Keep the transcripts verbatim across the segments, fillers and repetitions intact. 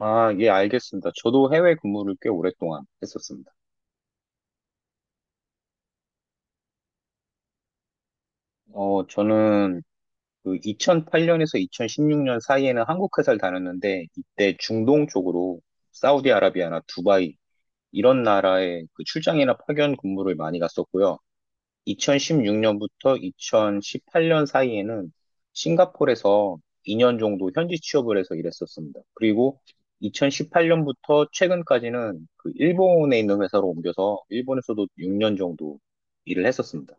아, 예, 알겠습니다. 저도 해외 근무를 꽤 오랫동안 했었습니다. 어, 저는 그 이천팔 년에서 이천십육 년 사이에는 한국 회사를 다녔는데, 이때 중동 쪽으로 사우디아라비아나 두바이, 이런 나라에 그 출장이나 파견 근무를 많이 갔었고요. 이천십육 년부터 이천십팔 년 사이에는 싱가포르에서 이 년 정도 현지 취업을 해서 일했었습니다. 그리고 이천십팔 년부터 최근까지는 그 일본에 있는 회사로 옮겨서 일본에서도 육 년 정도 일을 했었습니다.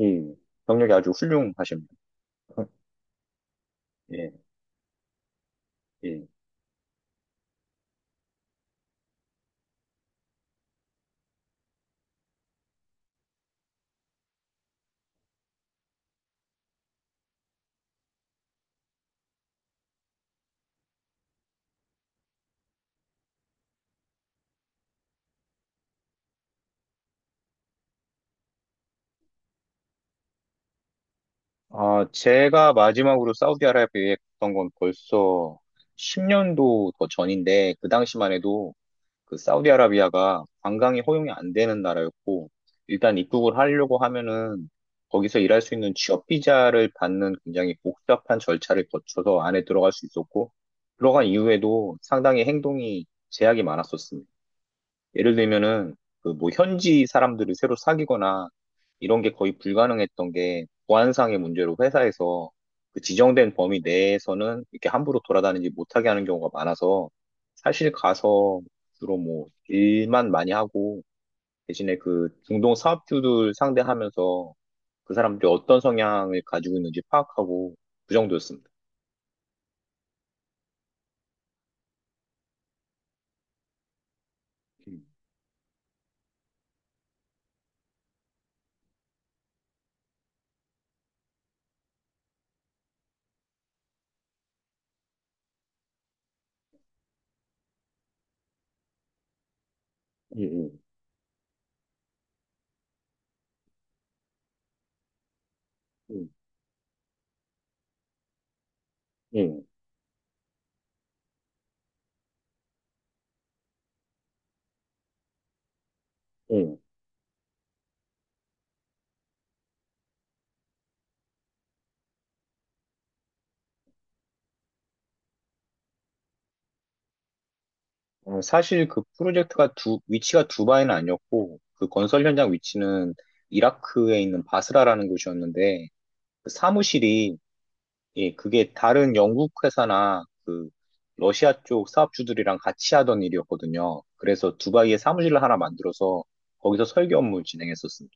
예, 경력이 아주 훌륭하십니다. 예, 예. 아, 제가 마지막으로 사우디아라비아에 갔던 건 벌써 십 년도 더 전인데, 그 당시만 해도 그 사우디아라비아가 관광이 허용이 안 되는 나라였고 일단 입국을 하려고 하면은 거기서 일할 수 있는 취업 비자를 받는 굉장히 복잡한 절차를 거쳐서 안에 들어갈 수 있었고 들어간 이후에도 상당히 행동이 제약이 많았었습니다. 예를 들면은 그 뭐 현지 사람들을 새로 사귀거나 이런 게 거의 불가능했던 게 보안상의 문제로 회사에서 그 지정된 범위 내에서는 이렇게 함부로 돌아다니지 못하게 하는 경우가 많아서 사실 가서 주로 뭐 일만 많이 하고 대신에 그 중동 사업주들 상대하면서 그 사람들이 어떤 성향을 가지고 있는지 파악하고 그 정도였습니다. 네. 음, 음, 음, 음, 음. 어, 사실 그 프로젝트가 두, 위치가 두바이는 아니었고, 그 건설 현장 위치는 이라크에 있는 바스라라는 곳이었는데, 그 사무실이, 예, 그게 다른 영국 회사나 그 러시아 쪽 사업주들이랑 같이 하던 일이었거든요. 그래서 두바이에 사무실을 하나 만들어서 거기서 설계 업무 진행했었습니다.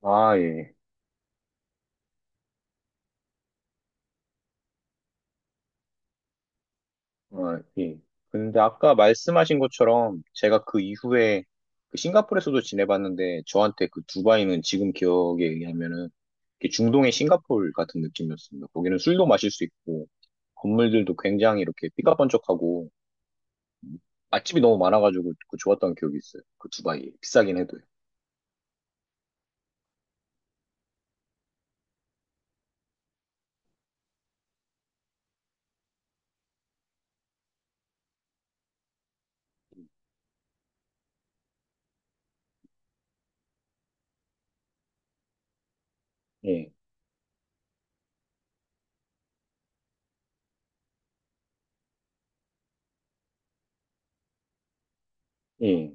아, 예. 어, 예. 근데 아까 말씀하신 것처럼 제가 그 이후에 그 싱가포르에서도 지내봤는데 저한테 그 두바이는 지금 기억에 의하면은 이렇게 중동의 싱가포르 같은 느낌이었습니다. 거기는 술도 마실 수 있고 건물들도 굉장히 이렇게 삐까뻔쩍하고 맛집이 너무 많아가지고 그 좋았던 기억이 있어요. 그 두바이 비싸긴 해도요. 예, 예,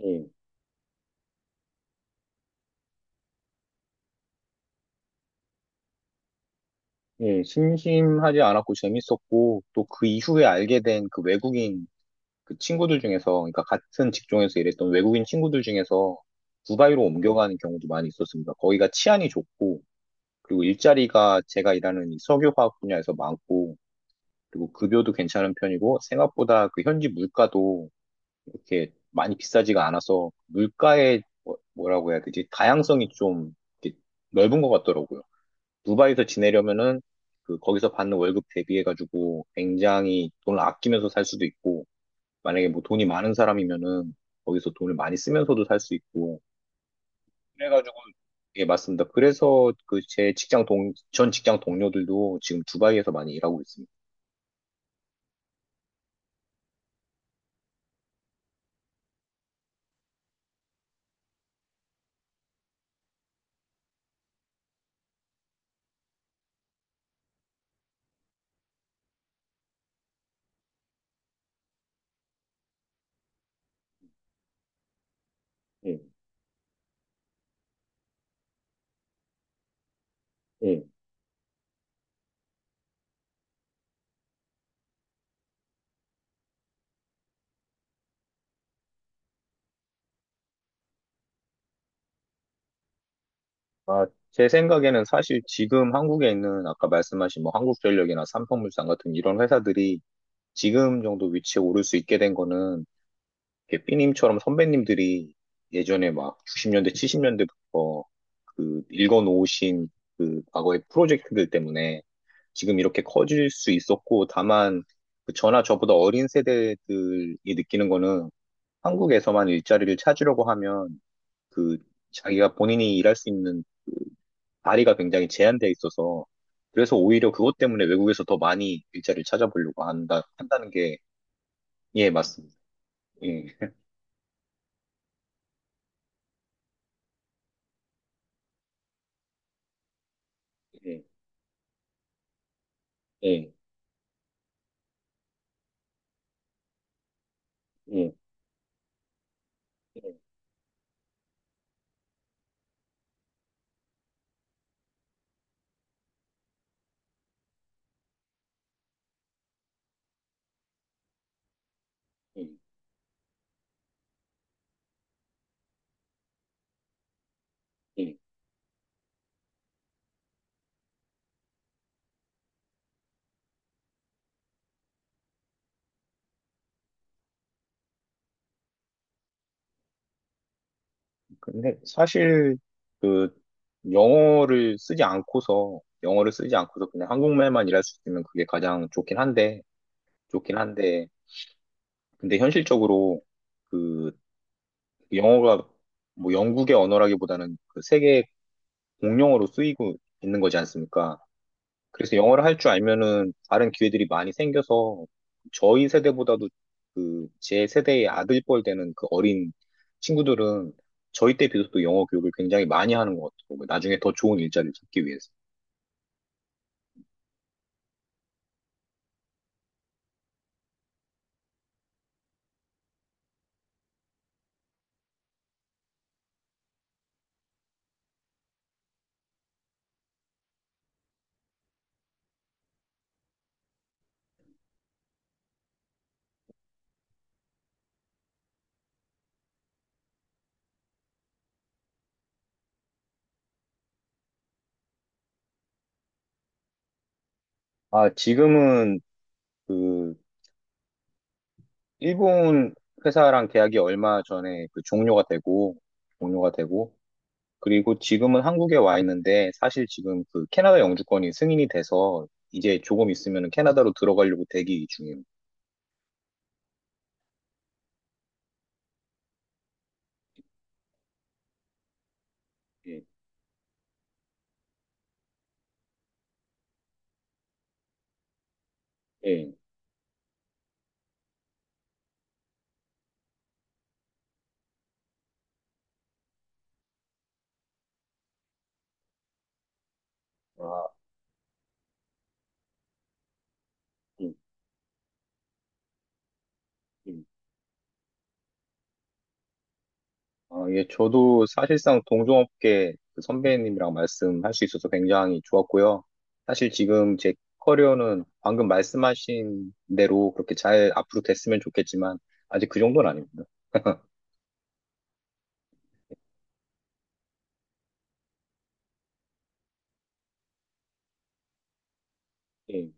예, 예. 심심하지 않았고 재밌었고 또 그 이후에 알게 된 그 외국인 그 친구들 중에서, 그러니까 같은 직종에서 일했던 외국인 친구들 중에서 두바이로 옮겨가는 경우도 많이 있었습니다. 거기가 치안이 좋고, 그리고 일자리가 제가 일하는 이 석유화학 분야에서 많고, 그리고 급여도 괜찮은 편이고, 생각보다 그 현지 물가도 이렇게 많이 비싸지가 않아서, 물가의 뭐- 뭐라고 해야 되지? 다양성이 좀 이렇게 넓은 것 같더라고요. 두바이에서 지내려면은 그 거기서 받는 월급 대비해가지고 굉장히 돈을 아끼면서 살 수도 있고, 만약에 뭐 돈이 많은 사람이면은 거기서 돈을 많이 쓰면서도 살 수 있고 그래가지고 예 맞습니다. 그래서 그 제 직장 동 전 직장 동료들도 지금 두바이에서 많이 일하고 있습니다. 예, 예. 아, 제 생각에는 사실 지금 한국에 있는 아까 말씀하신 뭐 한국전력이나 삼성물산 같은 이런 회사들이 지금 정도 위치에 오를 수 있게 된 거는 이렇게 삐님처럼 선배님들이 예전에 막 구십 년대, 칠십 년대부터 그 읽어놓으신 그 과거의 프로젝트들 때문에 지금 이렇게 커질 수 있었고, 다만 그 저나 저보다 어린 세대들이 느끼는 거는 한국에서만 일자리를 찾으려고 하면 그 자기가 본인이 일할 수 있는 그 다리가 굉장히 제한되어 있어서 그래서 오히려 그것 때문에 외국에서 더 많이 일자리를 찾아보려고 한다, 한다는 게, 예, 맞습니다. 네, 예, 예, 예. 예. 음, 음. 근데 사실 그 영어를 쓰지 않고서 영어를 쓰지 않고서 그냥 한국말만 일할 수 있으면 그게 가장 좋긴 한데 좋긴 한데 근데 현실적으로 그 영어가 뭐 영국의 언어라기보다는 그 세계 공용어로 쓰이고 있는 거지 않습니까? 그래서 영어를 할 줄 알면은 다른 기회들이 많이 생겨서 저희 세대보다도 그 제 세대의 아들뻘 되는 그 어린 친구들은 저희 때 비해서도 영어 교육을 굉장히 많이 하는 것 같더라고요. 나중에 더 좋은 일자리를 찾기 위해서. 아, 지금은 그 일본 회사랑 계약이 얼마 전에 그 종료가 되고 종료가 되고 그리고 지금은 한국에 와 있는데 사실 지금 그 캐나다 영주권이 승인이 돼서 이제 조금 있으면 캐나다로 들어가려고 대기 중이에요. 예, 예. 아, 음, 음. 아, 예, 저도 사실상 동종업계 그 선배님이랑 말씀할 수 있어서 굉장히 좋았고요. 사실 지금 제 커리어는 방금 말씀하신 대로 그렇게 잘 앞으로 됐으면 좋겠지만, 아직 그 정도는 아닙니다. 예.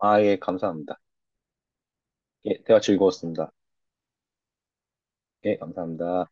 아, 예, 감사합니다. 예, 대화 즐거웠습니다. 예, 감사합니다.